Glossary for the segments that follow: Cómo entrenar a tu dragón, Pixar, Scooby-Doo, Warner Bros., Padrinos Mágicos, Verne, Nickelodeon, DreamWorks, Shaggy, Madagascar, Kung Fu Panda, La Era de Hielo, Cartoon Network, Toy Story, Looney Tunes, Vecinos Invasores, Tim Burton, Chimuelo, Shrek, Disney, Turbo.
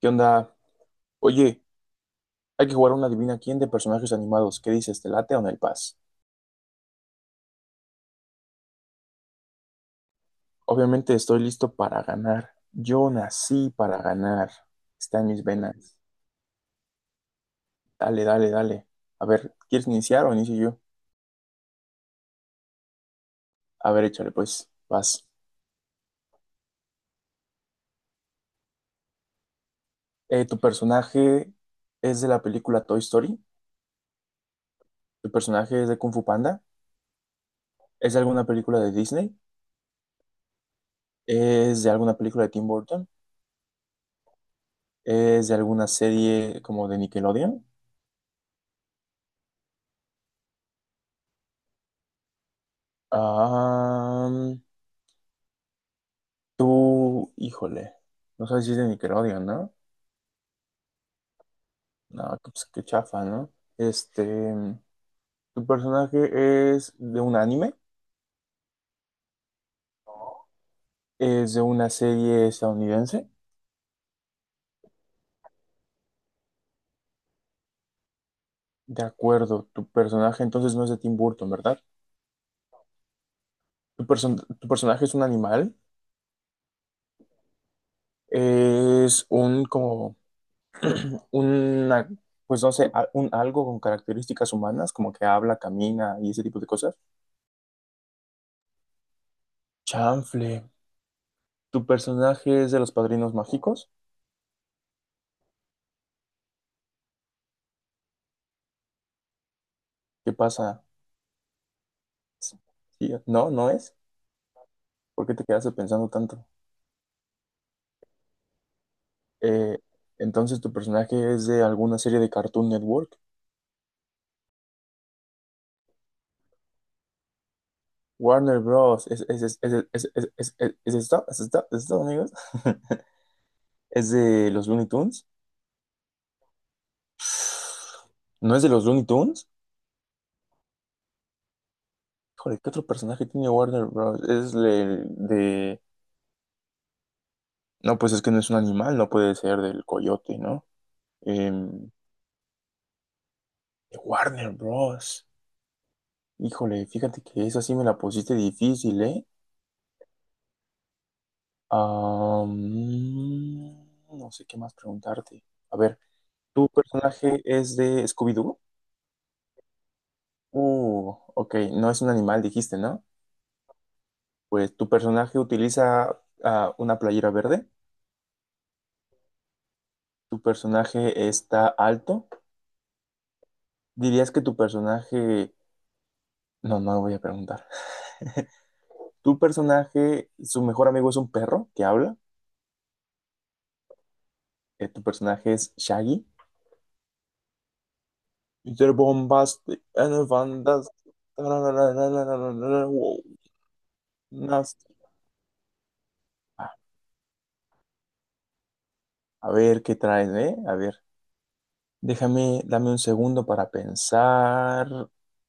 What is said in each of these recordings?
¿Qué onda? Oye, hay que jugar a una Adivina quién de personajes animados. ¿Qué dices? ¿Te late o en el paz? Obviamente estoy listo para ganar. Yo nací para ganar. Está en mis venas. Dale, dale, dale. A ver, ¿quieres iniciar o inicio yo? A ver, échale, pues. Vas. ¿Tu personaje es de la película Toy Story? ¿Tu personaje es de Kung Fu Panda? ¿Es de alguna película de Disney? ¿Es de alguna película de Tim Burton? ¿Es de alguna serie como de Nickelodeon? Ah. Tú, híjole, no sabes si es de Nickelodeon, ¿no? No, pues qué chafa, ¿no? Este, Tu personaje es de un anime, es de una serie estadounidense. De acuerdo, tu personaje entonces no es de Tim Burton, ¿verdad? Tu personaje es un animal, es un como, una, pues no sé, un algo con características humanas, como que habla, camina y ese tipo de cosas. Chanfle, tu personaje es de los Padrinos Mágicos. ¿Qué pasa? Sí, no, no es. ¿Por qué te quedaste pensando tanto? Eh, entonces tu personaje es de alguna serie de Cartoon Network. Warner Bros. ¿Es es esto? ¿Es esto? ¿Es esto, amigos? ¿Es de los Looney Tunes? ¿No es de los Looney Tunes? Híjole, ¿qué otro personaje tiene Warner Bros.? Es de. No, pues es que no es un animal, no puede ser del coyote, ¿no? Em, de Warner Bros. Híjole, fíjate que esa sí me la pusiste difícil, ¿eh? Am, no sé qué más preguntarte. A ver, ¿tu personaje es de Scooby-Doo? Ok, no es un animal, dijiste, ¿no? Pues tu personaje utiliza una playera verde. Tu personaje está alto. Dirías que tu personaje. No, no lo voy a preguntar. Tu personaje, su mejor amigo es un perro que habla. Tu personaje es Shaggy. Mr. Bombastic and Fantastic. Wow, nasty. A ver qué traes, ¿eh? A ver, déjame, dame un segundo para pensar.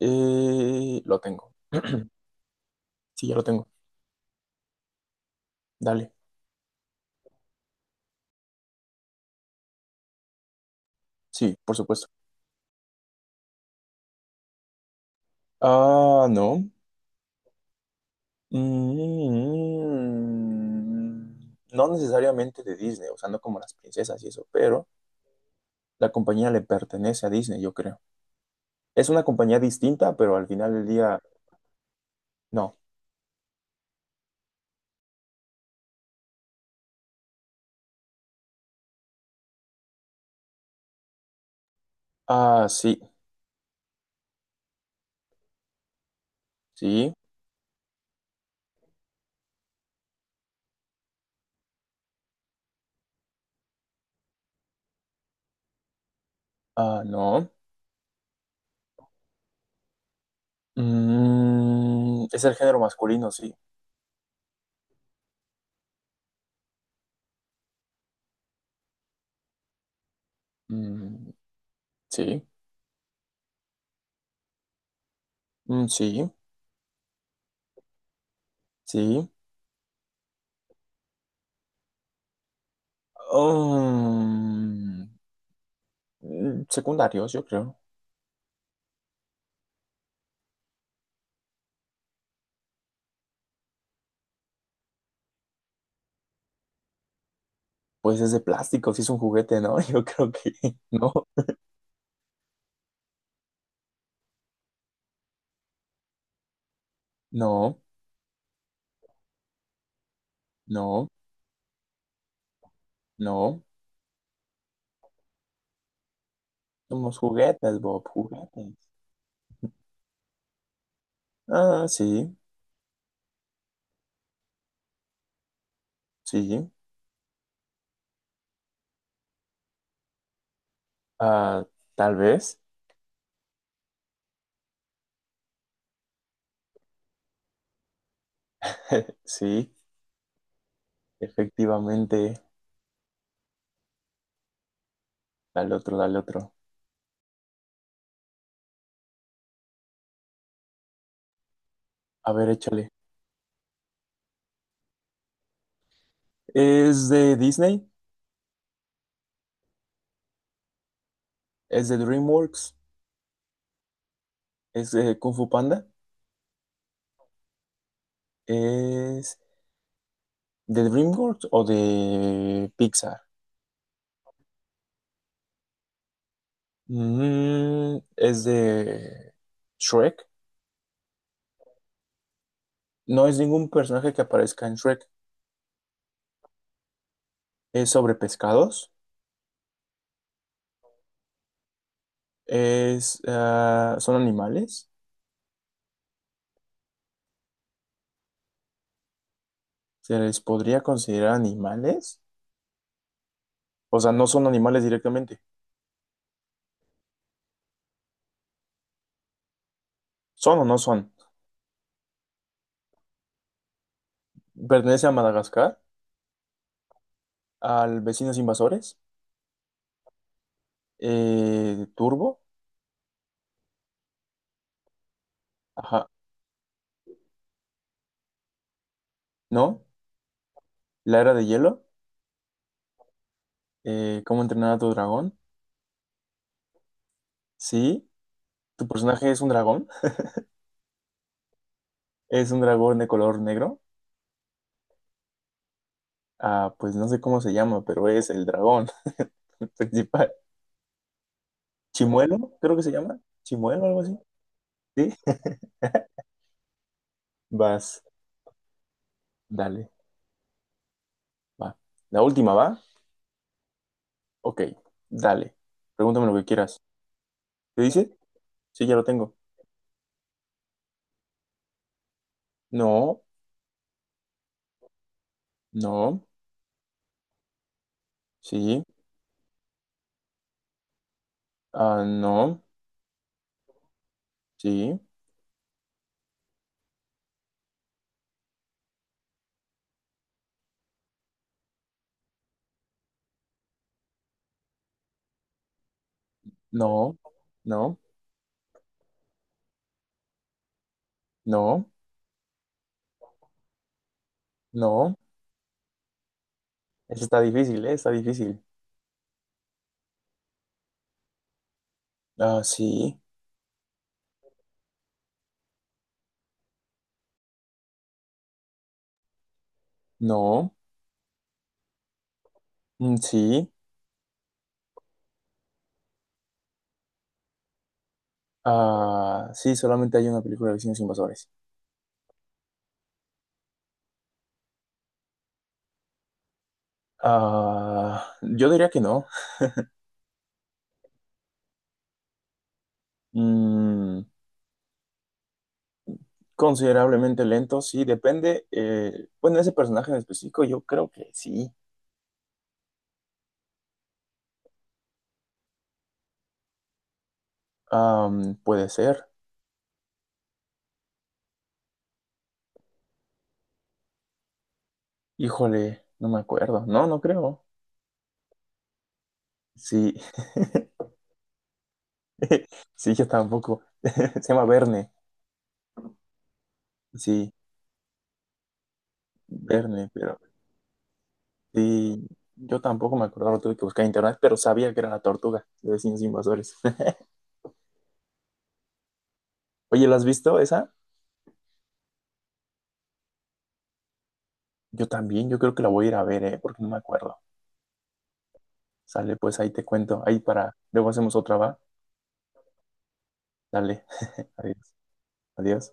Lo tengo. Sí, ya lo tengo. Dale. Sí, por supuesto. Ah, no. Mm, no necesariamente de Disney, o sea, no como las princesas y eso, pero la compañía le pertenece a Disney, yo creo. Es una compañía distinta, pero al final del día, no. Ah, sí, sí. Ah, no. Es el género masculino, sí. Mm, sí, mm, sí, sí. Um, Secundarios, yo creo. Pues es de plástico, si es un juguete, ¿no? Yo creo que no, no, no, no. Somos juguetes, Bob, juguetes. Ah, sí, sí. Ah, tal vez. Sí, efectivamente. Dale otro, dale otro. A ver, échale. ¿Es de Disney? ¿Es de DreamWorks? ¿Es de Kung Fu Panda? ¿Es ¿De DreamWorks o de Pixar? Es de Shrek. No es ningún personaje que aparezca en Shrek. Es sobre pescados. Son animales. ¿Se les podría considerar animales? O sea, no son animales directamente. ¿Son o no son? Pertenece a Madagascar, al Vecinos Invasores, Turbo, ajá, ¿no? La Era de Hielo, ¿Cómo entrenar a tu dragón? Sí, ¿tu personaje es un dragón? Es un dragón de color negro. Ah, pues no sé cómo se llama, pero es el dragón principal. Chimuelo, creo que se llama. Chimuelo, algo así. Sí. Vas, dale, va. La última va. Ok, dale. Pregúntame lo que quieras. ¿Te dice? Sí, ya lo tengo. No, no, sí, no, sí, no, no, no, no. Eso está difícil, ¿eh? Está difícil. Ah, sí, no, mm, sí, ah, sí, solamente hay una película de vecinos invasores. Ah, yo diría que no. Mm, Considerablemente lento, sí, depende. Bueno, ese personaje en específico, yo creo que sí. Puede ser. Híjole, no me acuerdo. No, no creo. Sí. Sí, yo tampoco. Se llama Verne. Sí, Verne, pero sí. Yo tampoco me acordaba, lo tuve que buscar en internet, pero sabía que era la tortuga de vecinos invasores. Oye, ¿la has visto esa? Yo también, yo creo que la voy a ir a ver, ¿eh? Porque no me acuerdo. Sale, pues ahí te cuento. Ahí para, luego hacemos otra, ¿va? Dale. Adiós. Adiós.